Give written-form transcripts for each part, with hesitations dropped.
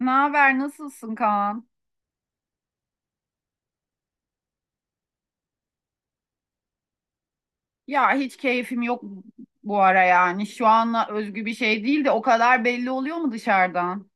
Ne haber? Nasılsın Kaan? Ya hiç keyfim yok bu ara yani. Şu anla özgü bir şey değil de o kadar belli oluyor mu dışarıdan?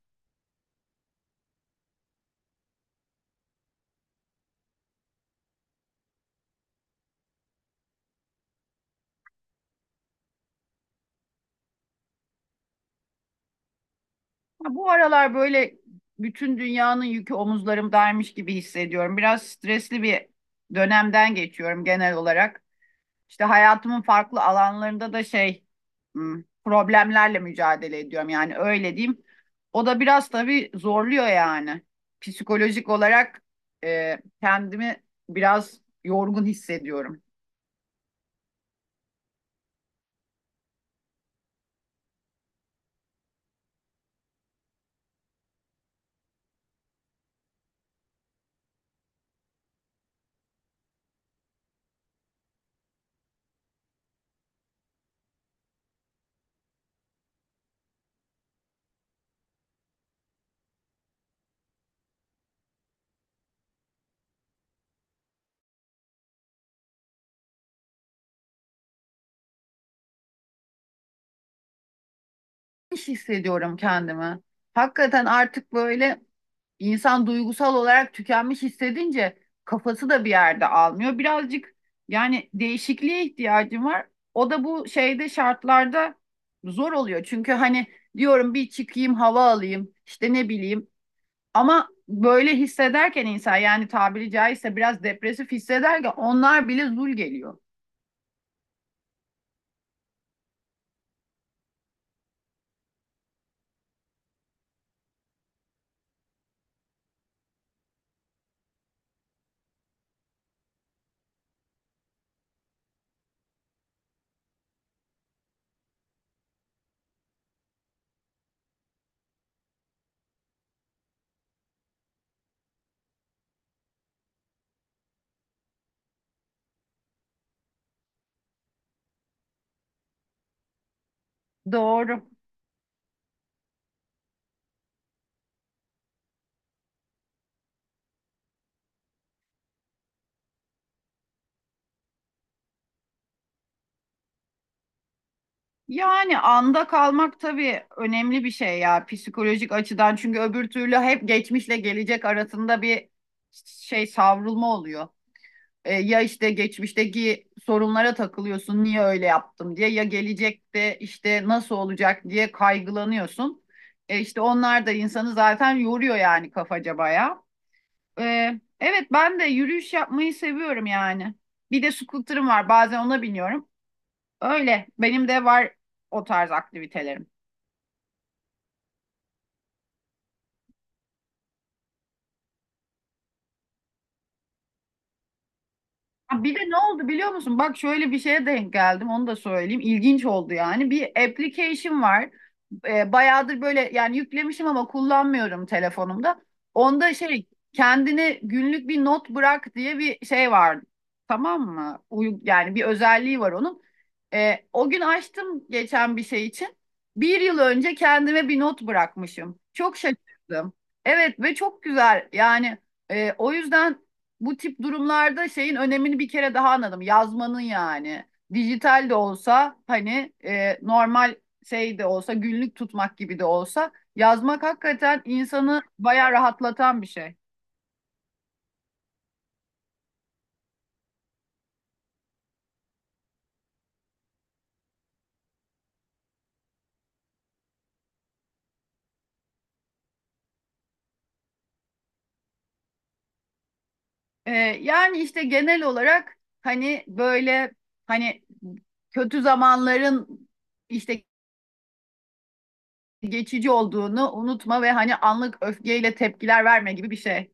Ya bu aralar böyle bütün dünyanın yükü omuzlarımdaymış gibi hissediyorum. Biraz stresli bir dönemden geçiyorum genel olarak. İşte hayatımın farklı alanlarında da problemlerle mücadele ediyorum yani öyle diyeyim. O da biraz tabii zorluyor yani. Psikolojik olarak kendimi biraz yorgun hissediyorum. İş hissediyorum kendimi. Hakikaten artık böyle İnsan duygusal olarak tükenmiş hissedince kafası da bir yerde almıyor. Birazcık yani değişikliğe ihtiyacım var. O da bu şartlarda zor oluyor. Çünkü hani diyorum bir çıkayım hava alayım işte ne bileyim ama böyle hissederken insan yani tabiri caizse biraz depresif hissederken onlar bile zul geliyor. Doğru. Yani anda kalmak tabii önemli bir şey ya psikolojik açıdan çünkü öbür türlü hep geçmişle gelecek arasında bir savrulma oluyor. Ya işte geçmişteki sorunlara takılıyorsun niye öyle yaptım diye ya gelecekte işte nasıl olacak diye kaygılanıyorsun. İşte onlar da insanı zaten yoruyor yani kafaca bayağı. E, evet ben de yürüyüş yapmayı seviyorum yani. Bir de scooter'ım var bazen ona biniyorum. Öyle. Benim de var o tarz aktivitelerim. Ha, bir de ne oldu biliyor musun? Bak şöyle bir şeye denk geldim. Onu da söyleyeyim. İlginç oldu yani. Bir application var. Bayağıdır böyle yani yüklemişim ama kullanmıyorum telefonumda. Onda kendine günlük bir not bırak diye bir şey var. Tamam mı? Uy yani bir özelliği var onun. O gün açtım geçen bir şey için. Bir yıl önce kendime bir not bırakmışım. Çok şaşırdım. Evet ve çok güzel. Yani o yüzden bu tip durumlarda şeyin önemini bir kere daha anladım. Yazmanın yani. Dijital de olsa hani normal şey de olsa günlük tutmak gibi de olsa yazmak hakikaten insanı bayağı rahatlatan bir şey. E, Yani işte genel olarak hani böyle hani kötü zamanların işte geçici olduğunu unutma ve hani anlık öfkeyle tepkiler verme gibi bir şey.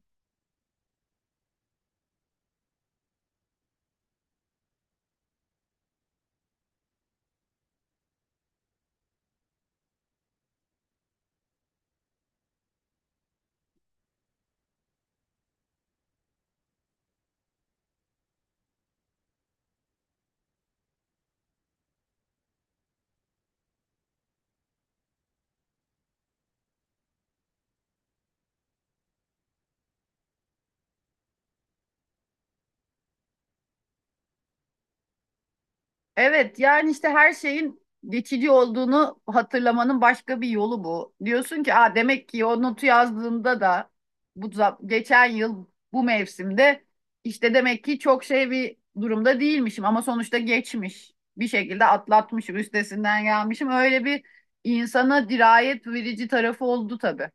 Evet yani işte her şeyin geçici olduğunu hatırlamanın başka bir yolu bu. Diyorsun ki aa, demek ki o notu yazdığımda da bu geçen yıl bu mevsimde işte demek ki çok şey bir durumda değilmişim ama sonuçta geçmiş. Bir şekilde atlatmışım, üstesinden gelmişim. Öyle bir insana dirayet verici tarafı oldu tabii.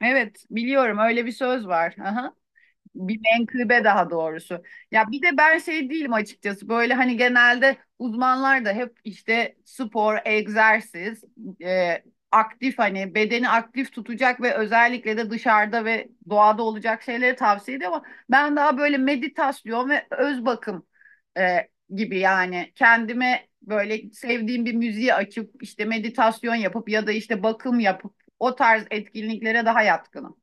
Evet biliyorum öyle bir söz var. Aha. Bir menkıbe daha doğrusu. Ya bir de ben şey değilim açıkçası. Böyle hani genelde uzmanlar da hep işte spor, egzersiz, e, aktif hani bedeni aktif tutacak ve özellikle de dışarıda ve doğada olacak şeyleri tavsiye ediyor ama ben daha böyle meditasyon ve öz bakım e, gibi yani kendime böyle sevdiğim bir müziği açıp işte meditasyon yapıp ya da işte bakım yapıp o tarz etkinliklere daha yatkınım.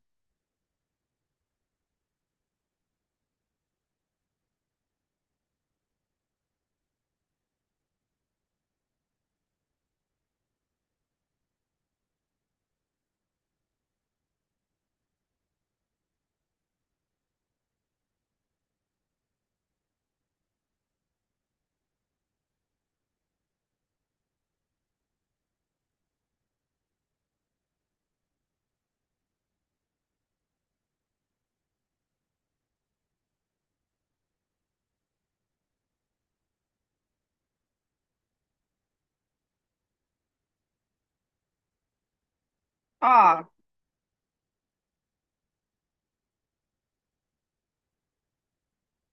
Aa.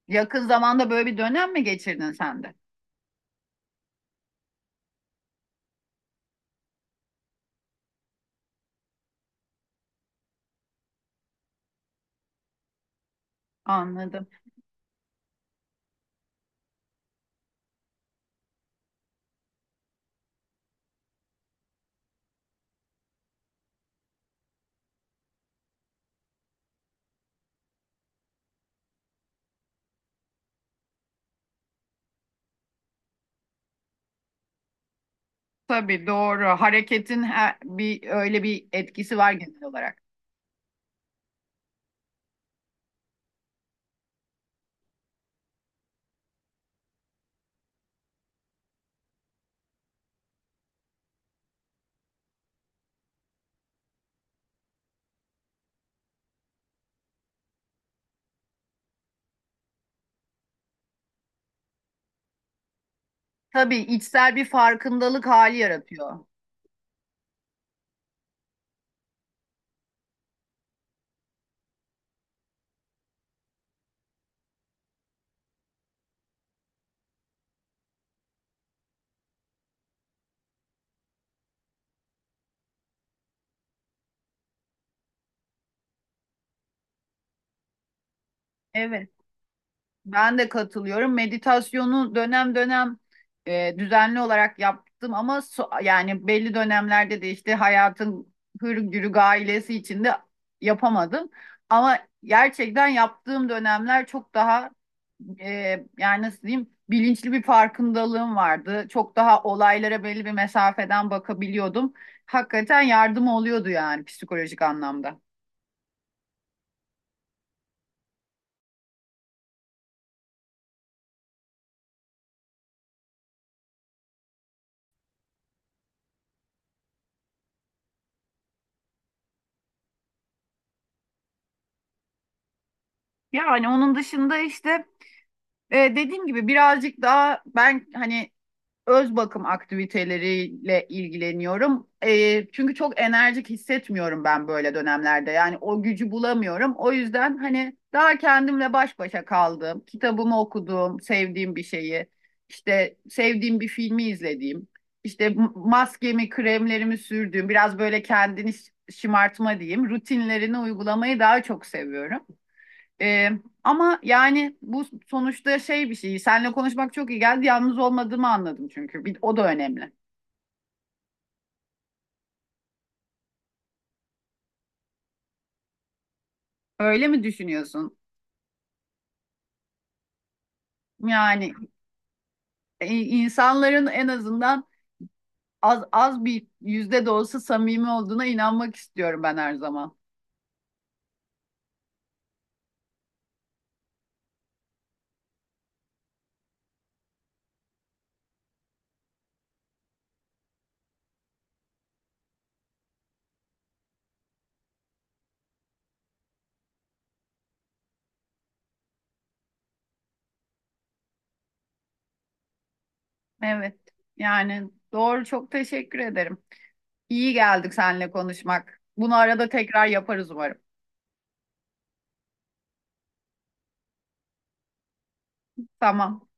Yakın zamanda böyle bir dönem mi geçirdin sen de? Anladım. Tabii doğru. Hareketin her, bir öyle bir etkisi var genel olarak. Tabii içsel bir farkındalık hali yaratıyor. Evet. Ben de katılıyorum. Meditasyonu dönem dönem düzenli olarak yaptım ama yani belli dönemlerde de işte hayatın hır gailesi içinde yapamadım. Ama gerçekten yaptığım dönemler çok daha e, yani nasıl diyeyim bilinçli bir farkındalığım vardı. Çok daha olaylara belli bir mesafeden bakabiliyordum. Hakikaten yardım oluyordu yani psikolojik anlamda. Yani onun dışında işte dediğim gibi birazcık daha ben hani öz bakım aktiviteleriyle ilgileniyorum. Çünkü çok enerjik hissetmiyorum ben böyle dönemlerde. Yani o gücü bulamıyorum. O yüzden hani daha kendimle baş başa kaldım. Kitabımı okudum, sevdiğim bir şeyi, işte sevdiğim bir filmi izlediğim, işte maskemi, kremlerimi sürdüğüm, biraz böyle kendini şımartma diyeyim, rutinlerini uygulamayı daha çok seviyorum. Ee, Ama yani bu sonuçta şey bir şey. Seninle konuşmak çok iyi geldi. Yalnız olmadığımı anladım çünkü. Bir, o da önemli. Öyle mi düşünüyorsun? Yani insanların en azından az az bir yüzde de olsa samimi olduğuna inanmak istiyorum ben her zaman. Evet. Yani doğru. Çok teşekkür ederim. İyi geldik seninle konuşmak. Bunu arada tekrar yaparız umarım. Tamam.